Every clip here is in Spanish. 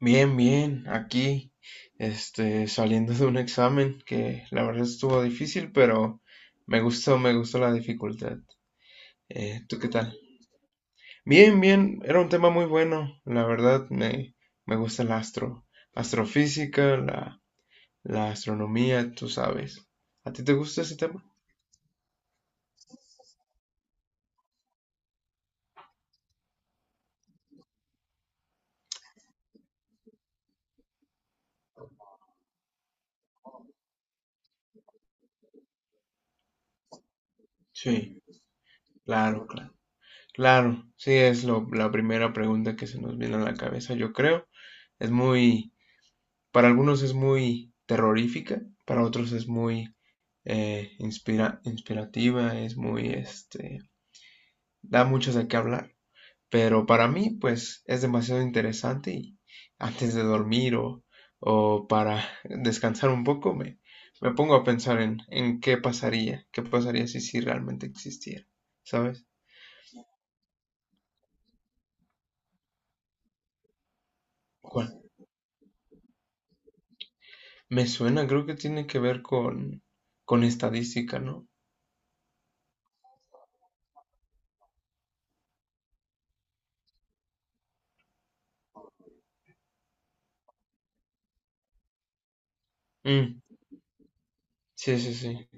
Bien, bien, aquí, saliendo de un examen que la verdad estuvo difícil, pero me gustó la dificultad. ¿Tú qué tal? Bien, bien, era un tema muy bueno, la verdad me gusta el astrofísica, la astronomía, tú sabes. ¿A ti te gusta ese tema? Sí, claro, claro. Claro, sí, la primera pregunta que se nos viene a la cabeza, yo creo. Es muy Para algunos es muy terrorífica, para otros es muy inspirativa. Da mucho de qué hablar. Pero para mí, pues, es demasiado interesante y antes de dormir o para descansar un poco, me pongo a pensar en qué pasaría si realmente existiera, ¿sabes? ¿Cuál? Me suena, creo que tiene que ver con estadística, ¿no? Mm, sí, sí, sí,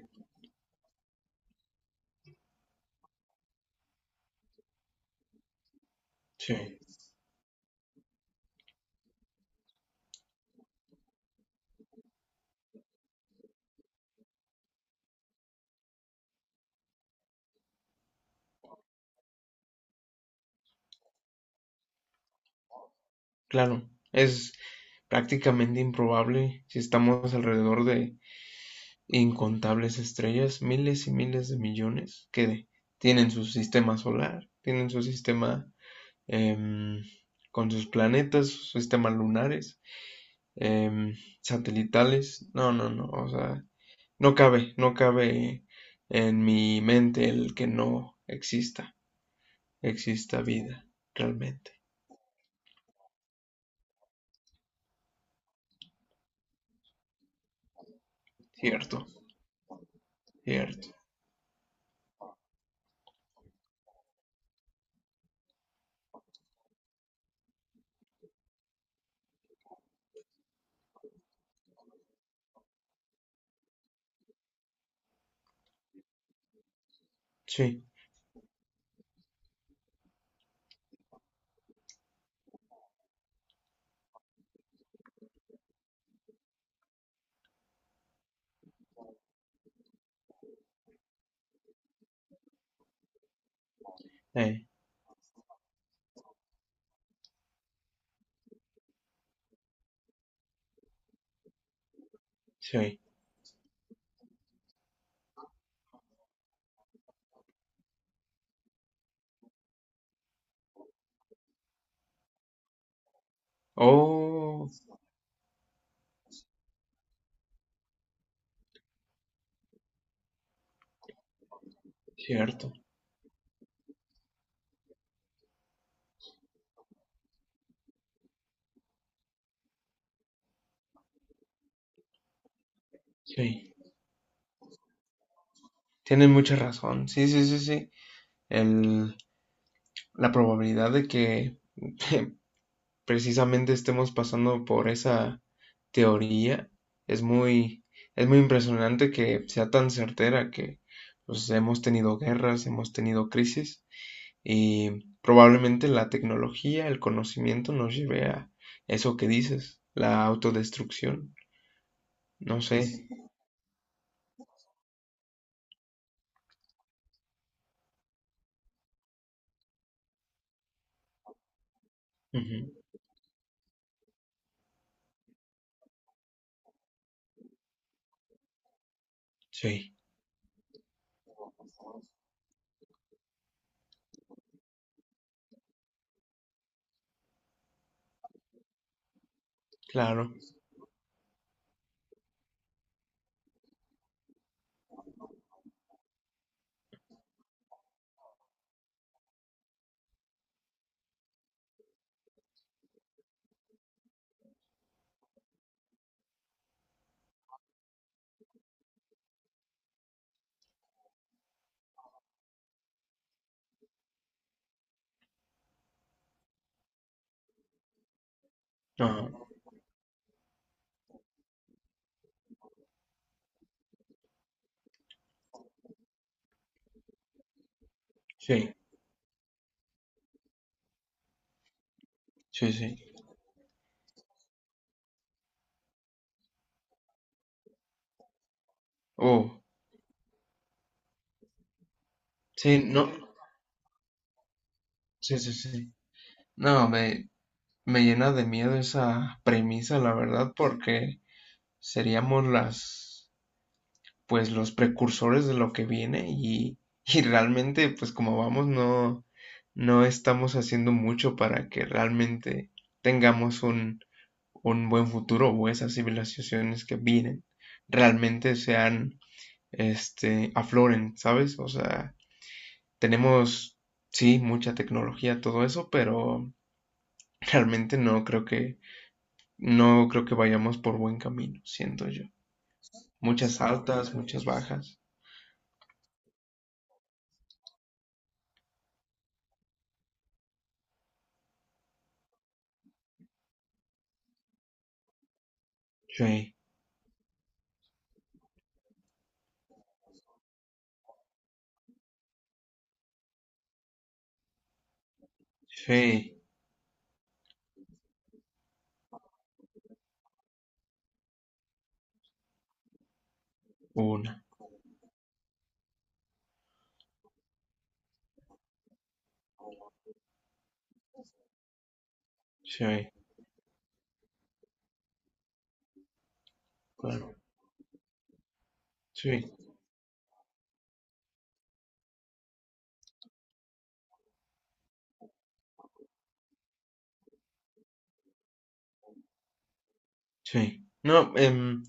sí. Claro, es prácticamente improbable si estamos alrededor de incontables estrellas, miles y miles de millones que tienen su sistema solar, tienen su sistema em, con sus planetas, sus sistemas lunares, em, satelitales. No, no, no, o sea, no cabe, no cabe en mi mente el que no exista vida, realmente. Cierto, cierto. Sí, eh, sí. Oh, cierto. Sí, tienes mucha razón. Sí, sí, sí, sí. El- la probabilidad de que precisamente estemos pasando por esa teoría es muy, es muy impresionante que sea tan certera que, pues, hemos tenido guerras, hemos tenido crisis y probablemente la tecnología, el conocimiento nos lleve a eso que dices, la autodestrucción. No sé. Ujú. Sí, claro. Ajá. Sí, sí, sí. Oh. Sí, no, sí, sí, sí. No, me llena de miedo esa premisa, la verdad, porque seríamos pues, los precursores de lo que viene y realmente, pues, como vamos, no estamos haciendo mucho para que realmente tengamos un buen futuro o esas civilizaciones que vienen realmente afloren, ¿sabes? O sea, tenemos, sí, mucha tecnología, todo eso, pero realmente no creo que vayamos por buen camino, siento yo. Muchas altas, muchas bajas. Sí, sí, una. Sí, claro. Sí, sí. No,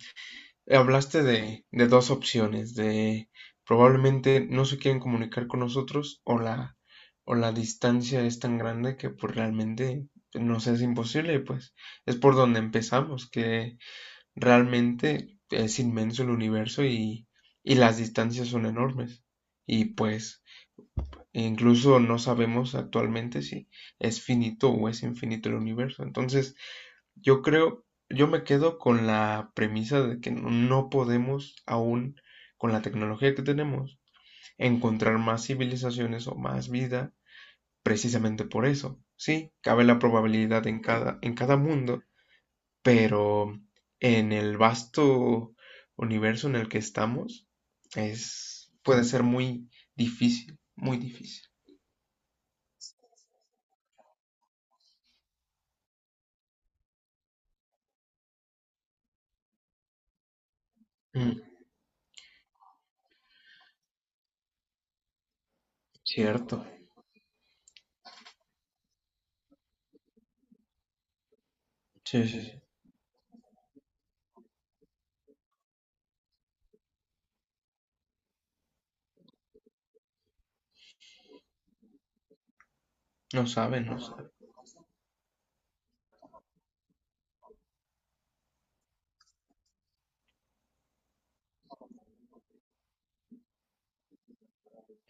hablaste de dos opciones, de probablemente no se quieren comunicar con nosotros o la distancia es tan grande que pues realmente nos es imposible, pues es por donde empezamos, que realmente es inmenso el universo y las distancias son enormes. Y pues incluso no sabemos actualmente si es finito o es infinito el universo. Entonces yo creo, yo me quedo con la premisa de que no podemos aún, con la tecnología que tenemos, encontrar más civilizaciones o más vida precisamente por eso. Sí, cabe la probabilidad en cada mundo, pero en el vasto universo en el que estamos, puede ser muy difícil, muy difícil. Mm, cierto. Sí, sí, sí. No saben, no saben.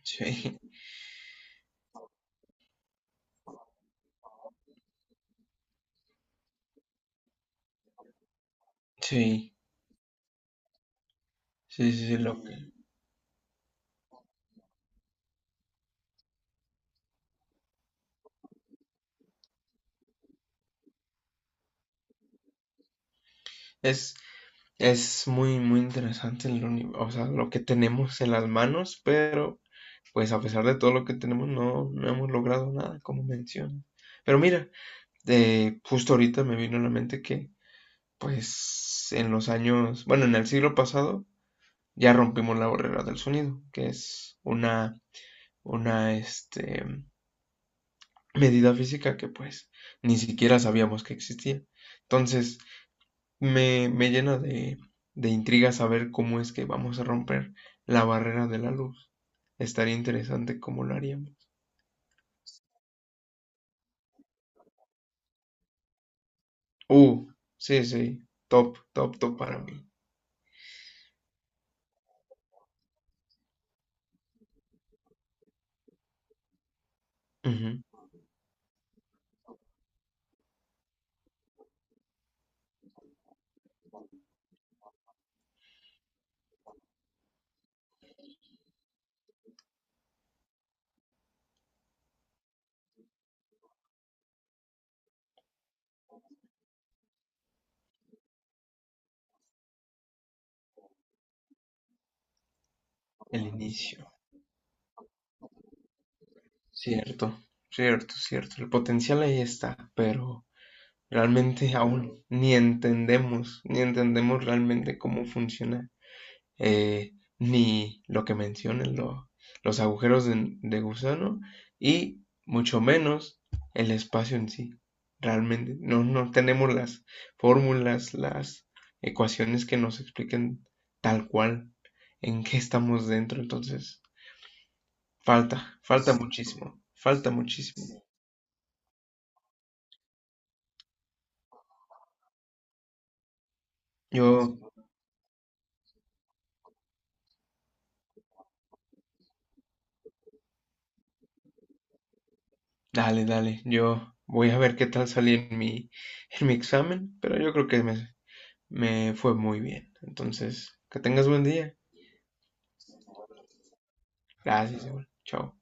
Sí, sí, sí, sí, sí, es, es muy, muy interesante o sea, lo que tenemos en las manos, pero pues a pesar de todo lo que tenemos, no hemos logrado nada, como mencionas. Pero mira, justo ahorita me vino a la mente que, pues, en los años, bueno, en el siglo pasado ya rompimos la barrera del sonido, que es una medida física que pues ni siquiera sabíamos que existía. Entonces, me llena de intriga saber cómo es que vamos a romper la barrera de la luz. Estaría interesante cómo lo haríamos. Uh, sí, sí, top, top, top para mí. Ujú. El inicio. Cierto, cierto, cierto. El potencial ahí está, pero realmente aún ni entendemos realmente cómo funciona, eh, ni lo que mencionan los agujeros de gusano, y mucho menos el espacio en sí. Realmente no tenemos las fórmulas, las ecuaciones que nos expliquen tal cual en qué estamos dentro. Entonces, falta, falta muchísimo, falta muchísimo. Yo Dale, dale. Yo voy a ver qué tal salí en mi examen, pero yo creo que me fue muy bien. Entonces, que tengas buen día. Gracias, igual. Chao.